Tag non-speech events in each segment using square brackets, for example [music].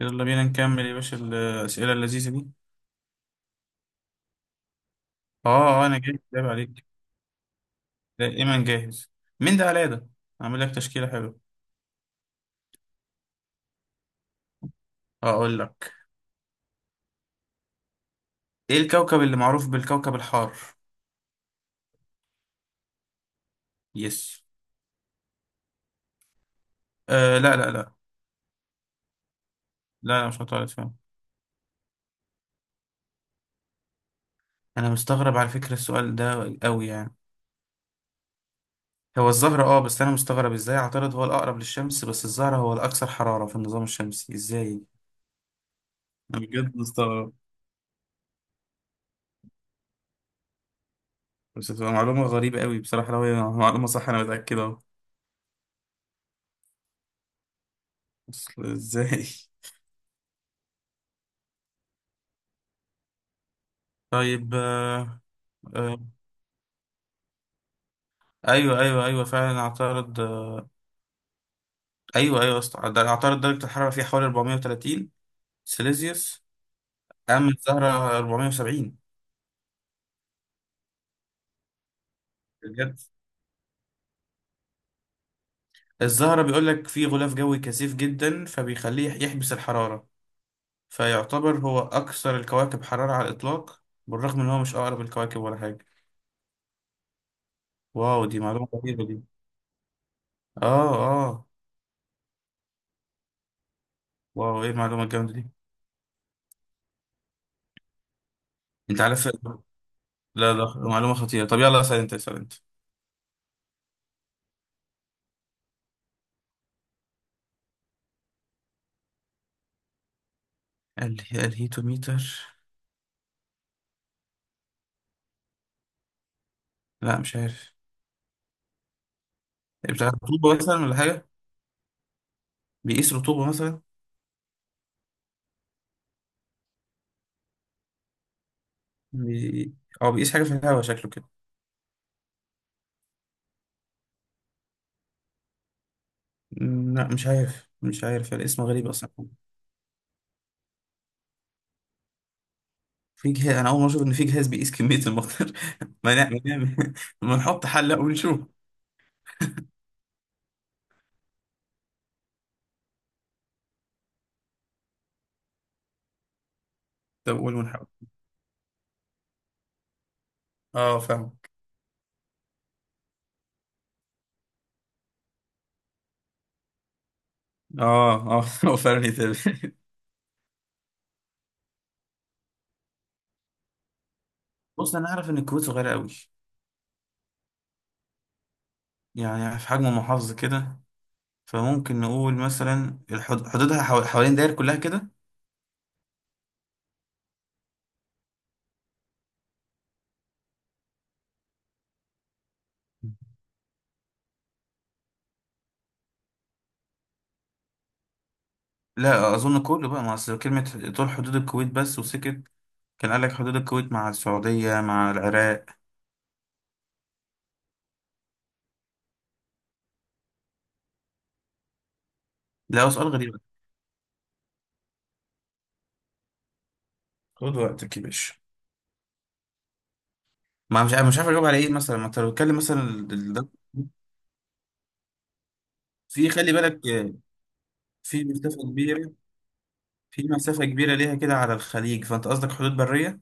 يلا بينا نكمل يا باشا الأسئلة اللذيذة دي. اه انا جاهز جايب عليك. لا، ايمن جاهز. مين ده على ده؟ اعمل لك تشكيلة حلوة. اقول لك: ايه الكوكب اللي معروف بالكوكب الحار؟ يس. آه، لا مش هتعرف، فاهم؟ انا مستغرب على فكرة، السؤال ده قوي يعني. هو الزهرة، اه، بس انا مستغرب ازاي عطارد هو الاقرب للشمس بس الزهرة هو الاكثر حرارة في النظام الشمسي؟ ازاي؟ انا بجد مستغرب. بس هتبقى معلومة غريبة قوي بصراحة لو هي معلومة صح، انا متأكد اهو. بس ازاي؟ طيب، آه ايوه فعلا اعترض. ايوه أصلاً ده اعترض. درجة الحرارة فيها حوالي 430 سيليزيوس، اما الزهرة 470. بجد، الزهرة بيقول لك فيه غلاف جوي كثيف جدا فبيخليه يحبس الحرارة، فيعتبر هو اكثر الكواكب حرارة على الاطلاق، بالرغم ان هو مش اقرب الكواكب ولا حاجة. واو، دي معلومة غريبة دي. اه. اه. واو، ايه المعلومة الجامدة دي! انت عارف، لا معلومة خطيرة. طب يلا اسأل انت، اسأل. انت الهيتوميتر؟ لا مش عارف. بتاع رطوبة مثلا ولا حاجة؟ بيقيس رطوبة مثلا؟ بي... أو بيقيس حاجة في الهواء، شكله كده. مم، لا مش عارف، مش عارف الاسم غريب أصلا. في جهاز؟ أنا أول مرة أشوف إن في جهاز بيقيس كمية المطر [laughs] ما نعمل ما نحط حلة ونشوف. طب قول ونحاول. أه فاهم. أه. أه [laughs] هو فعلا يتابع. بص، أنا أعرف إن الكويت صغيرة أوي، يعني في حجم محافظة كده. فممكن نقول مثلا حدودها حوالين داير كلها كده. لا اظن كله، بقى ما اصل كلمه طول حدود الكويت بس وسكت. كان قال لك حدود الكويت مع السعوديه مع العراق. لا هو سؤال غريب. خد وقتك يا باشا. ما مش عارف، مش عارف اجاوب على ايه مثلا؟ ما انت لو بتتكلم مثلا ده. في خلي بالك، آه، في مسافه كبيره، في مسافه كبيره ليها كده على الخليج، فانت قصدك حدود بريه؟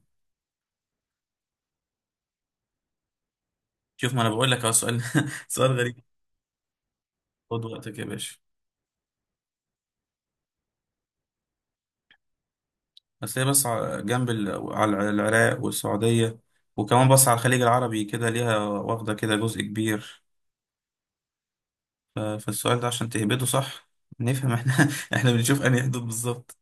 شوف، ما انا بقول لك اهو سؤال [laughs] سؤال غريب. خد وقتك يا باشا. بس هي، بس جنب على العراق والسعوديه، وكمان بص على الخليج العربي كده ليها واخده كده جزء كبير. فالسؤال ده عشان تهبده صح، نفهم احنا [laughs] احنا بنشوف انهي حدود بالظبط.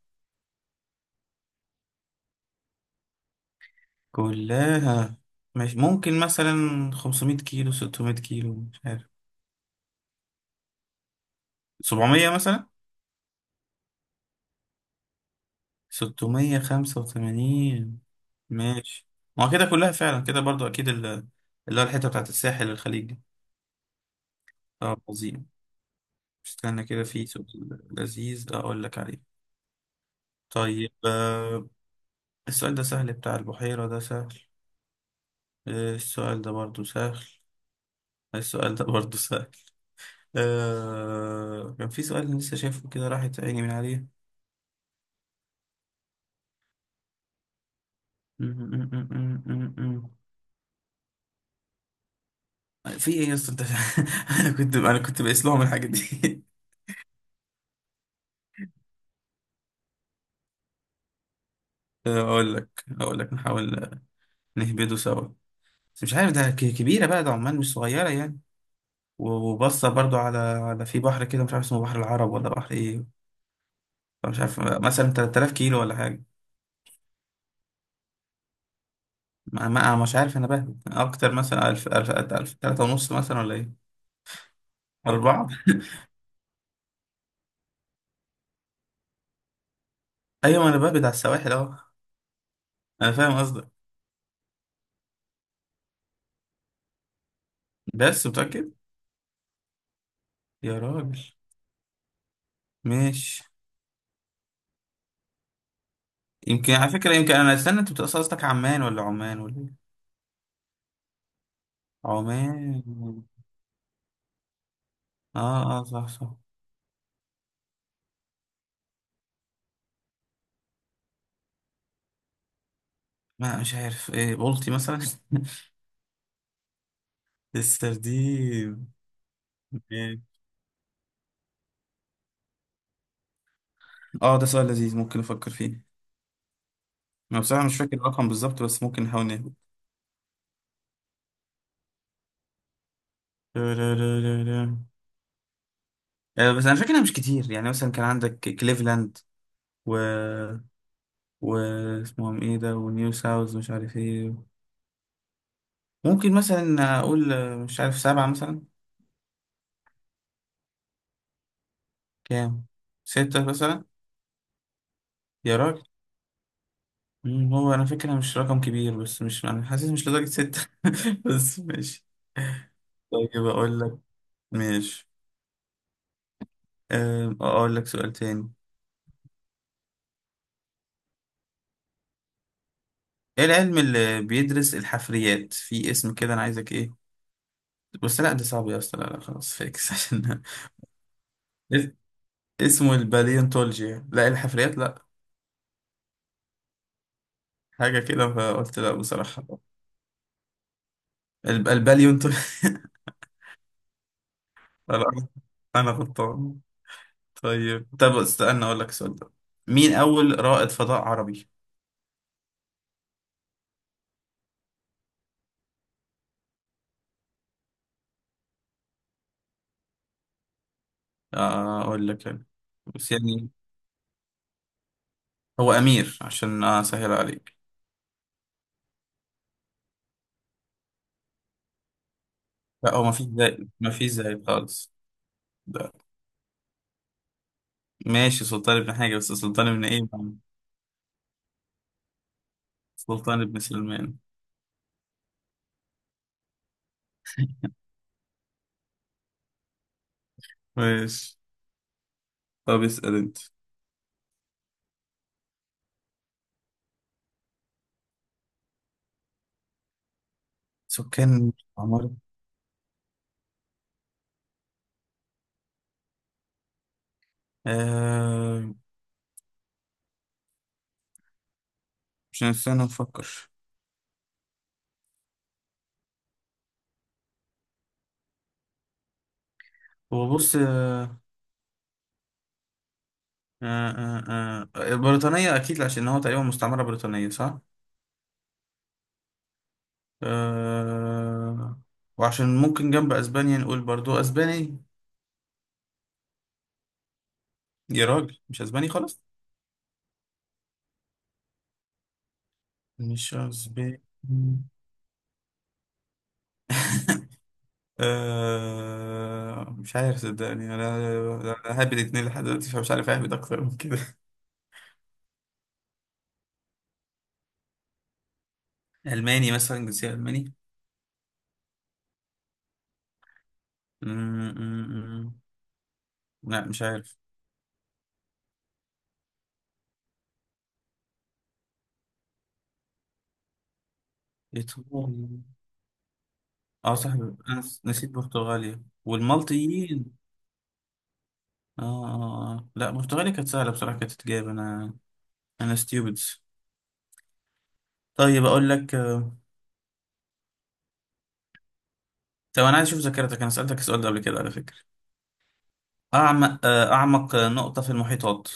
كلها. مش ممكن مثلا 500 كيلو، 600 كيلو؟ مش عارف. 700 مثلا. 685. ماشي. ما هو كده كلها فعلا كده برضو اكيد اللي هو الحته بتاعت الساحل الخليج دي. اه عظيم. استنى كده، في سؤال لذيذ اقول لك عليه. طيب آه، السؤال ده سهل، بتاع البحيرة ده سهل. آه، السؤال ده برضو سهل. السؤال ده برضو سهل. آه، كان في سؤال لسه شايفه كده راحت عيني من عليه. م- م- م- م- م- م. في ايه يا اسطى انت [laughs] انا كنت بقيس لهم الحاجات دي. [laughs] آه، اقول لك نحاول نهبده سوا. بس مش عارف ده كبيره بقى، ده عمان مش صغيره يعني، وبصه برضو على في بحر كده مش عارف اسمه بحر العرب ولا بحر ايه. مش عارف مثلا 3000 كيلو ولا حاجه. مش عارف، انا بهبد اكتر مثلا 1000 1000 1000، 3 ونص مثلا ولا ايه؟ اربعه؟ ايوه ما انا بهبد على السواحل اهو. انا فاهم. بس متأكد؟ يا راجل. ماشي. يمكن على فكرة، يمكن أنا، استنى، أنت بتقصد قصدك عمان ولا عمان ولا إيه؟ عمان. آه آه، صح صح. ما مش عارف إيه، بولتي مثلا؟ [laughs] السردين. إيه. آه ده سؤال لذيذ، ممكن أفكر فيه. أنا بصراحة مش فاكر الرقم بالظبط بس ممكن نحاول نهبط. لا. آه، بس أنا فاكرها مش كتير، يعني مثلا كان عندك كليفلاند و و اسمهم إيه ده، ونيو ساوث مش عارف إيه. ممكن مثلا أقول آه، مش عارف، سبعة مثلا؟ كام؟ ستة مثلا؟ يا راجل. مم، هو أنا فاكرها مش رقم كبير، بس مش، أنا حاسس مش لدرجة ستة [laughs] بس ماشي. طيب أقول لك. ماشي. أم، أقول لك سؤال تاني. إيه العلم اللي بيدرس الحفريات؟ في اسم كده أنا عايزك إيه، بس لا ده صعب يا أسطى، لا خلاص فيكس [laughs] عشان اس- اسمه الباليونتولوجيا، لا الحفريات لا، حاجة كده، فقلت لا بصراحة. الباليونتولوجيا [laughs] لا أنا غلطان. طيب، طب استنى اقول لك السؤال ده: مين اول رائد فضاء عربي؟ آه، اقول لك يعني، بس يعني هو امير، عشان اسهل عليك. لا هو، ما فيش زي خالص. ده ماشي، سلطان ابن حاجه، بس سلطان ابن ايه يعني؟ سلطان ابن سليمان. ماشي. طب اسال انت. سكان. عمر. آه، مش، استنى نفكر. هو بص، آه، آه، بريطانية أكيد عشان هو تقريبا مستعمرة بريطانية، صح؟ آه. وعشان ممكن جنب اسبانيا نقول برضو اسباني. يا راجل مش اسباني خالص. مش اسباني [laughs] آه مش عارف صدقني، انا حابب الاتنين لحد دلوقتي، فمش عارف اهبد اكتر من كده. [laughs] الماني مثلا، جنسية الماني. م- م- م. لا مش عارف. ايطالي. اه صح، انا نسيت برتغاليا والمالطيين. اه آه آه. لا برتغاليا كانت سهلة بصراحة، كانت تتجاب. انا ستيوبد. طيب اقول لك آه، طب انا عايز اشوف ذاكرتك، انا سالتك السؤال ده قبل كده على فكره. اعمق نقطه في المحيطات،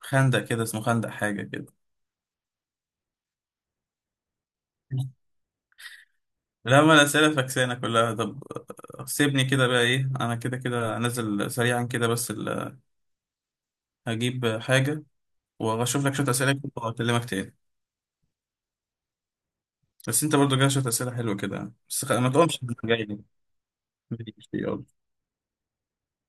خندق كده اسمه خندق حاجه كده. لا ما الاسئله فكسانه كلها. طب آه، سيبني كده بقى، ايه انا كده كده نازل سريعا كده، بس هجيب حاجه واشوف لك شويه اسئله كده واكلمك تاني. بس انت برضو جاي شويه اسئله حلوه كده يعني. بس ما تقومش من جاي دي. ماشي، يلا.